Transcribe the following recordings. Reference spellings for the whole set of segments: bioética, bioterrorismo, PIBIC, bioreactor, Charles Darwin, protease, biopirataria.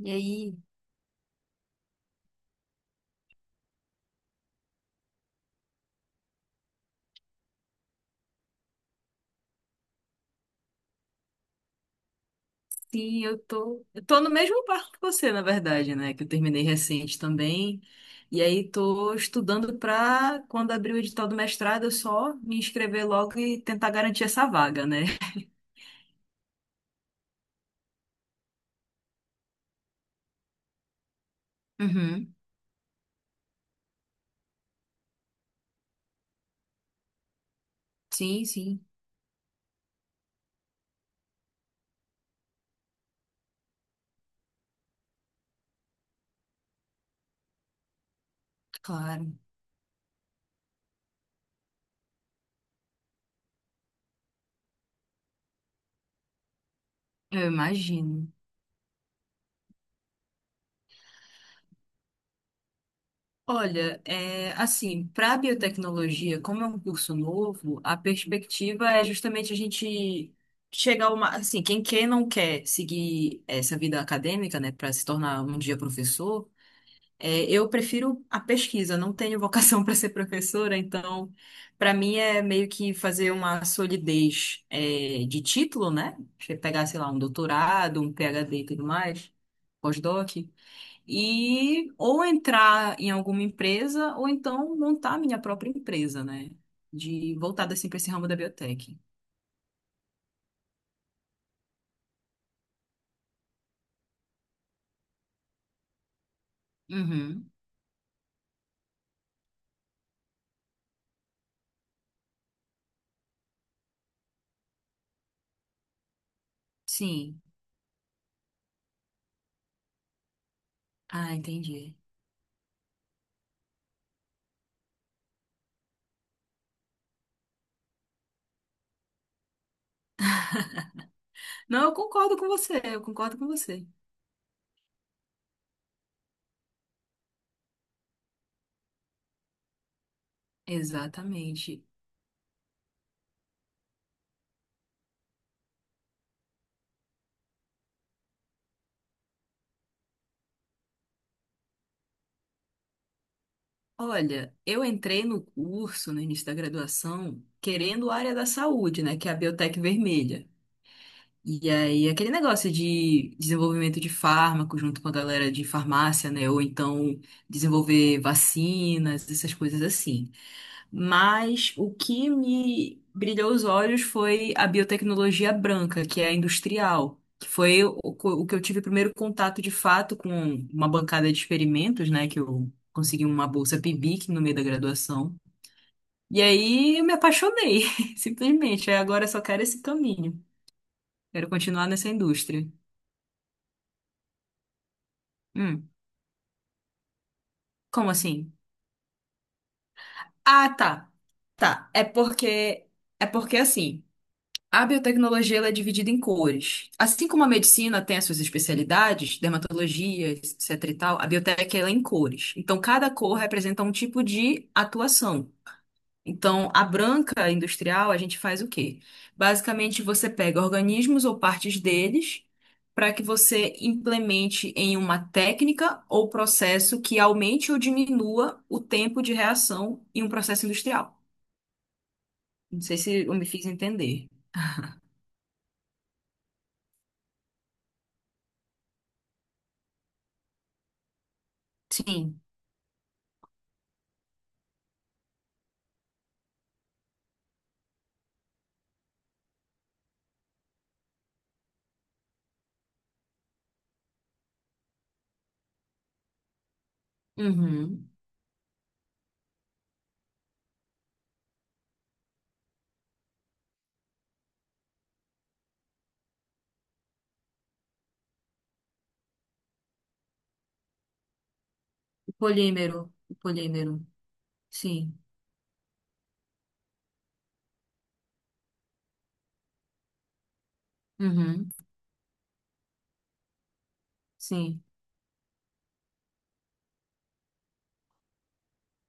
E aí, sim, eu tô no mesmo barco que você, na verdade, né? Que eu terminei recente também. E aí tô estudando pra quando abrir o edital do mestrado, eu só me inscrever logo e tentar garantir essa vaga, né? Uhum. Sim, sim, claro. Eu imagino. Olha, assim, para biotecnologia, como é um curso novo, a perspectiva é justamente a gente chegar uma, assim, quem quer não quer seguir essa vida acadêmica, né, para se tornar um dia professor, eu prefiro a pesquisa, não tenho vocação para ser professora, então para mim é meio que fazer uma solidez, de título, né? Você pegar, sei lá, um doutorado, um PhD e tudo mais, pós-doc e ou entrar em alguma empresa ou então montar minha própria empresa, né? De voltada assim para esse ramo da biotech. Uhum. Sim. Ah, entendi. Não, eu concordo com você, eu concordo com você. Exatamente. Olha, eu entrei no curso, no início da graduação, querendo a área da saúde, né, que é a biotech vermelha. E aí, aquele negócio de desenvolvimento de fármaco junto com a galera de farmácia, né? Ou então desenvolver vacinas, essas coisas assim. Mas o que me brilhou os olhos foi a biotecnologia branca, que é a industrial, que foi o que eu tive primeiro contato de fato com uma bancada de experimentos, né? Que eu consegui uma bolsa PIBIC no meio da graduação. E aí eu me apaixonei, simplesmente. Aí agora eu só quero esse caminho. Quero continuar nessa indústria. Hum, como assim? Ah, tá. Tá. É porque assim, a biotecnologia ela é dividida em cores. Assim como a medicina tem as suas especialidades, dermatologia, etc. e tal, a biotec ela é em cores. Então cada cor representa um tipo de atuação. Então, a branca industrial, a gente faz o quê? Basicamente, você pega organismos ou partes deles para que você implemente em uma técnica ou processo que aumente ou diminua o tempo de reação em um processo industrial. Não sei se eu me fiz entender. Sim. Uhum. O polímero. Sim. Uhum. Sim.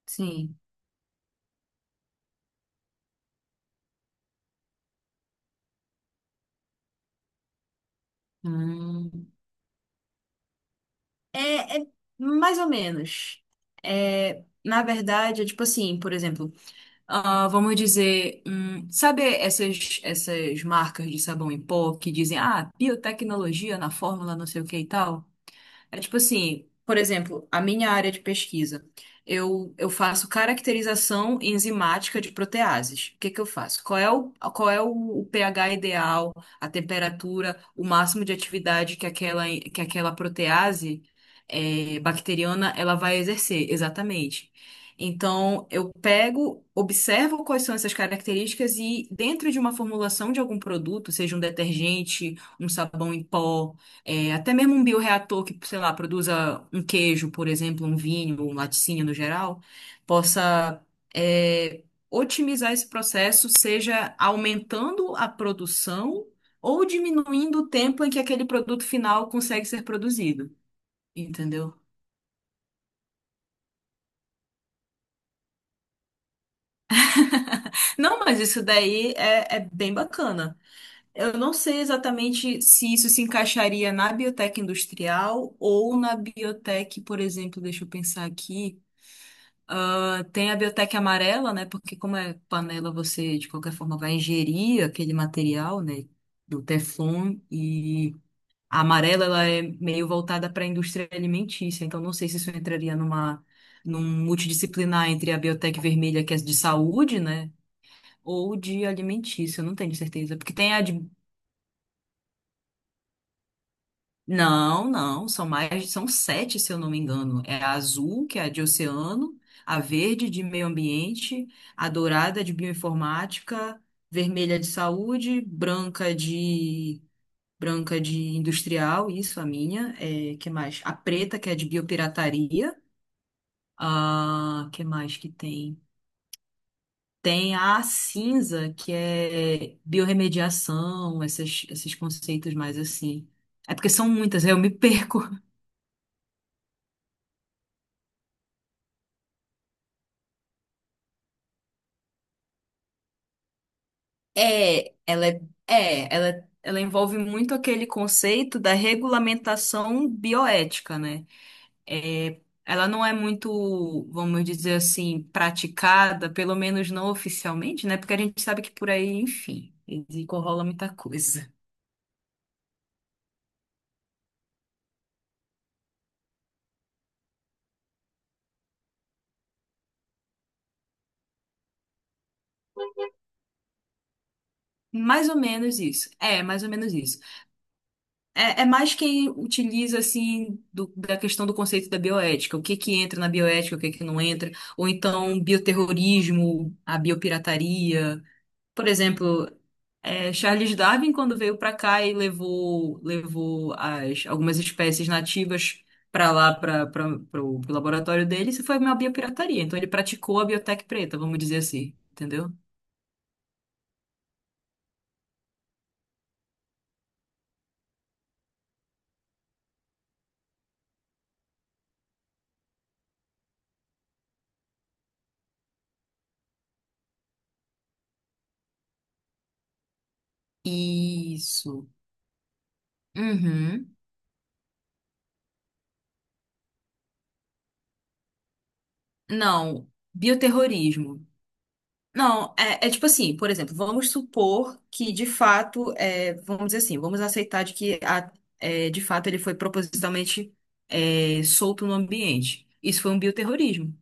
Sim. Hum. É, é mais ou menos. Na verdade, é tipo assim, por exemplo. Ah, vamos dizer, sabe essas marcas de sabão em pó que dizem, ah, biotecnologia na fórmula, não sei o que e tal? É tipo assim, por exemplo, a minha área de pesquisa. Eu faço caracterização enzimática de proteases. O que que eu faço? O pH ideal, a temperatura, o máximo de atividade que que aquela protease bacteriana ela vai exercer, exatamente. Então, eu pego, observo quais são essas características e, dentro de uma formulação de algum produto, seja um detergente, um sabão em pó, até mesmo um bioreator que, sei lá, produza um queijo, por exemplo, um vinho, um laticínio no geral, possa é, otimizar esse processo, seja aumentando a produção ou diminuindo o tempo em que aquele produto final consegue ser produzido, entendeu? Não, mas isso daí é bem bacana. Eu não sei exatamente se isso se encaixaria na biotech industrial ou na biotech, por exemplo, deixa eu pensar aqui. Tem a biotec amarela, né? Porque como é panela, você de qualquer forma vai ingerir aquele material, né? Do Teflon e a amarela ela é meio voltada para a indústria alimentícia. Então não sei se isso entraria numa num multidisciplinar entre a biotec vermelha que é de saúde, né? Ou de alimentícia, eu não tenho certeza, porque tem a de... Não, não, são mais, são sete, se eu não me engano. É a azul, que é a de oceano, a verde de meio ambiente, a dourada de bioinformática, vermelha de saúde, branca de industrial, isso a minha, é, que mais? A preta que é de biopirataria, a que mais que tem? Tem a cinza que é biorremediação, esses conceitos mais assim. É porque são muitas, eu me perco. É, ela é, é, ela envolve muito aquele conceito da regulamentação bioética, né? É, ela não é muito, vamos dizer assim, praticada, pelo menos não oficialmente, né? Porque a gente sabe que por aí, enfim, rola muita coisa. Mais ou menos isso. É, mais ou menos isso. É, é mais quem utiliza, assim, do- da questão do conceito da bioética. O que que entra na bioética, o que que não entra. Ou então, bioterrorismo, a biopirataria. Por exemplo, Charles Darwin, quando veio para cá e levou as, algumas espécies nativas para lá, para o laboratório dele, isso foi uma biopirataria. Então, ele praticou a biotec preta, vamos dizer assim, entendeu? Isso. Uhum. Não, bioterrorismo. Não, é tipo assim, por exemplo, vamos supor que de fato, vamos dizer assim, vamos aceitar de que a- de fato ele foi propositalmente solto no ambiente. Isso foi um bioterrorismo.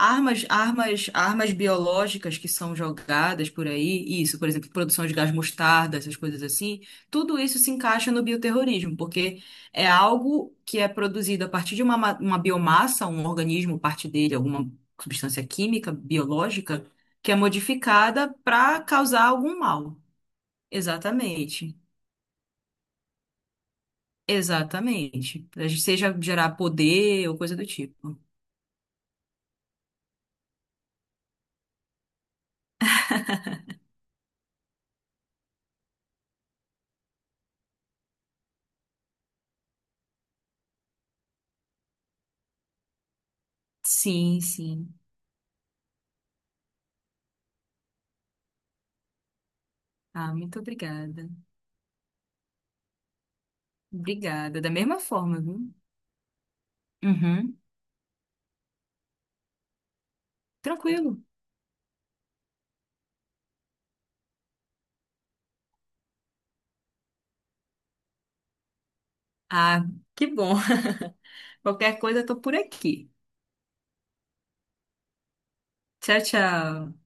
Armas biológicas que são jogadas por aí, isso, por exemplo, produção de gás mostarda, essas coisas assim, tudo isso se encaixa no bioterrorismo, porque é algo que é produzido a partir de uma, ma- uma biomassa, um organismo, parte dele, alguma substância química, biológica, que é modificada para causar algum mal. Exatamente. Exatamente. Seja gerar poder ou coisa do tipo. Sim, sim. Ah, muito obrigada. Obrigada. Da mesma forma, viu? Uhum. Tranquilo. Ah, que bom. Qualquer coisa, eu tô por aqui. Tchau, tchau.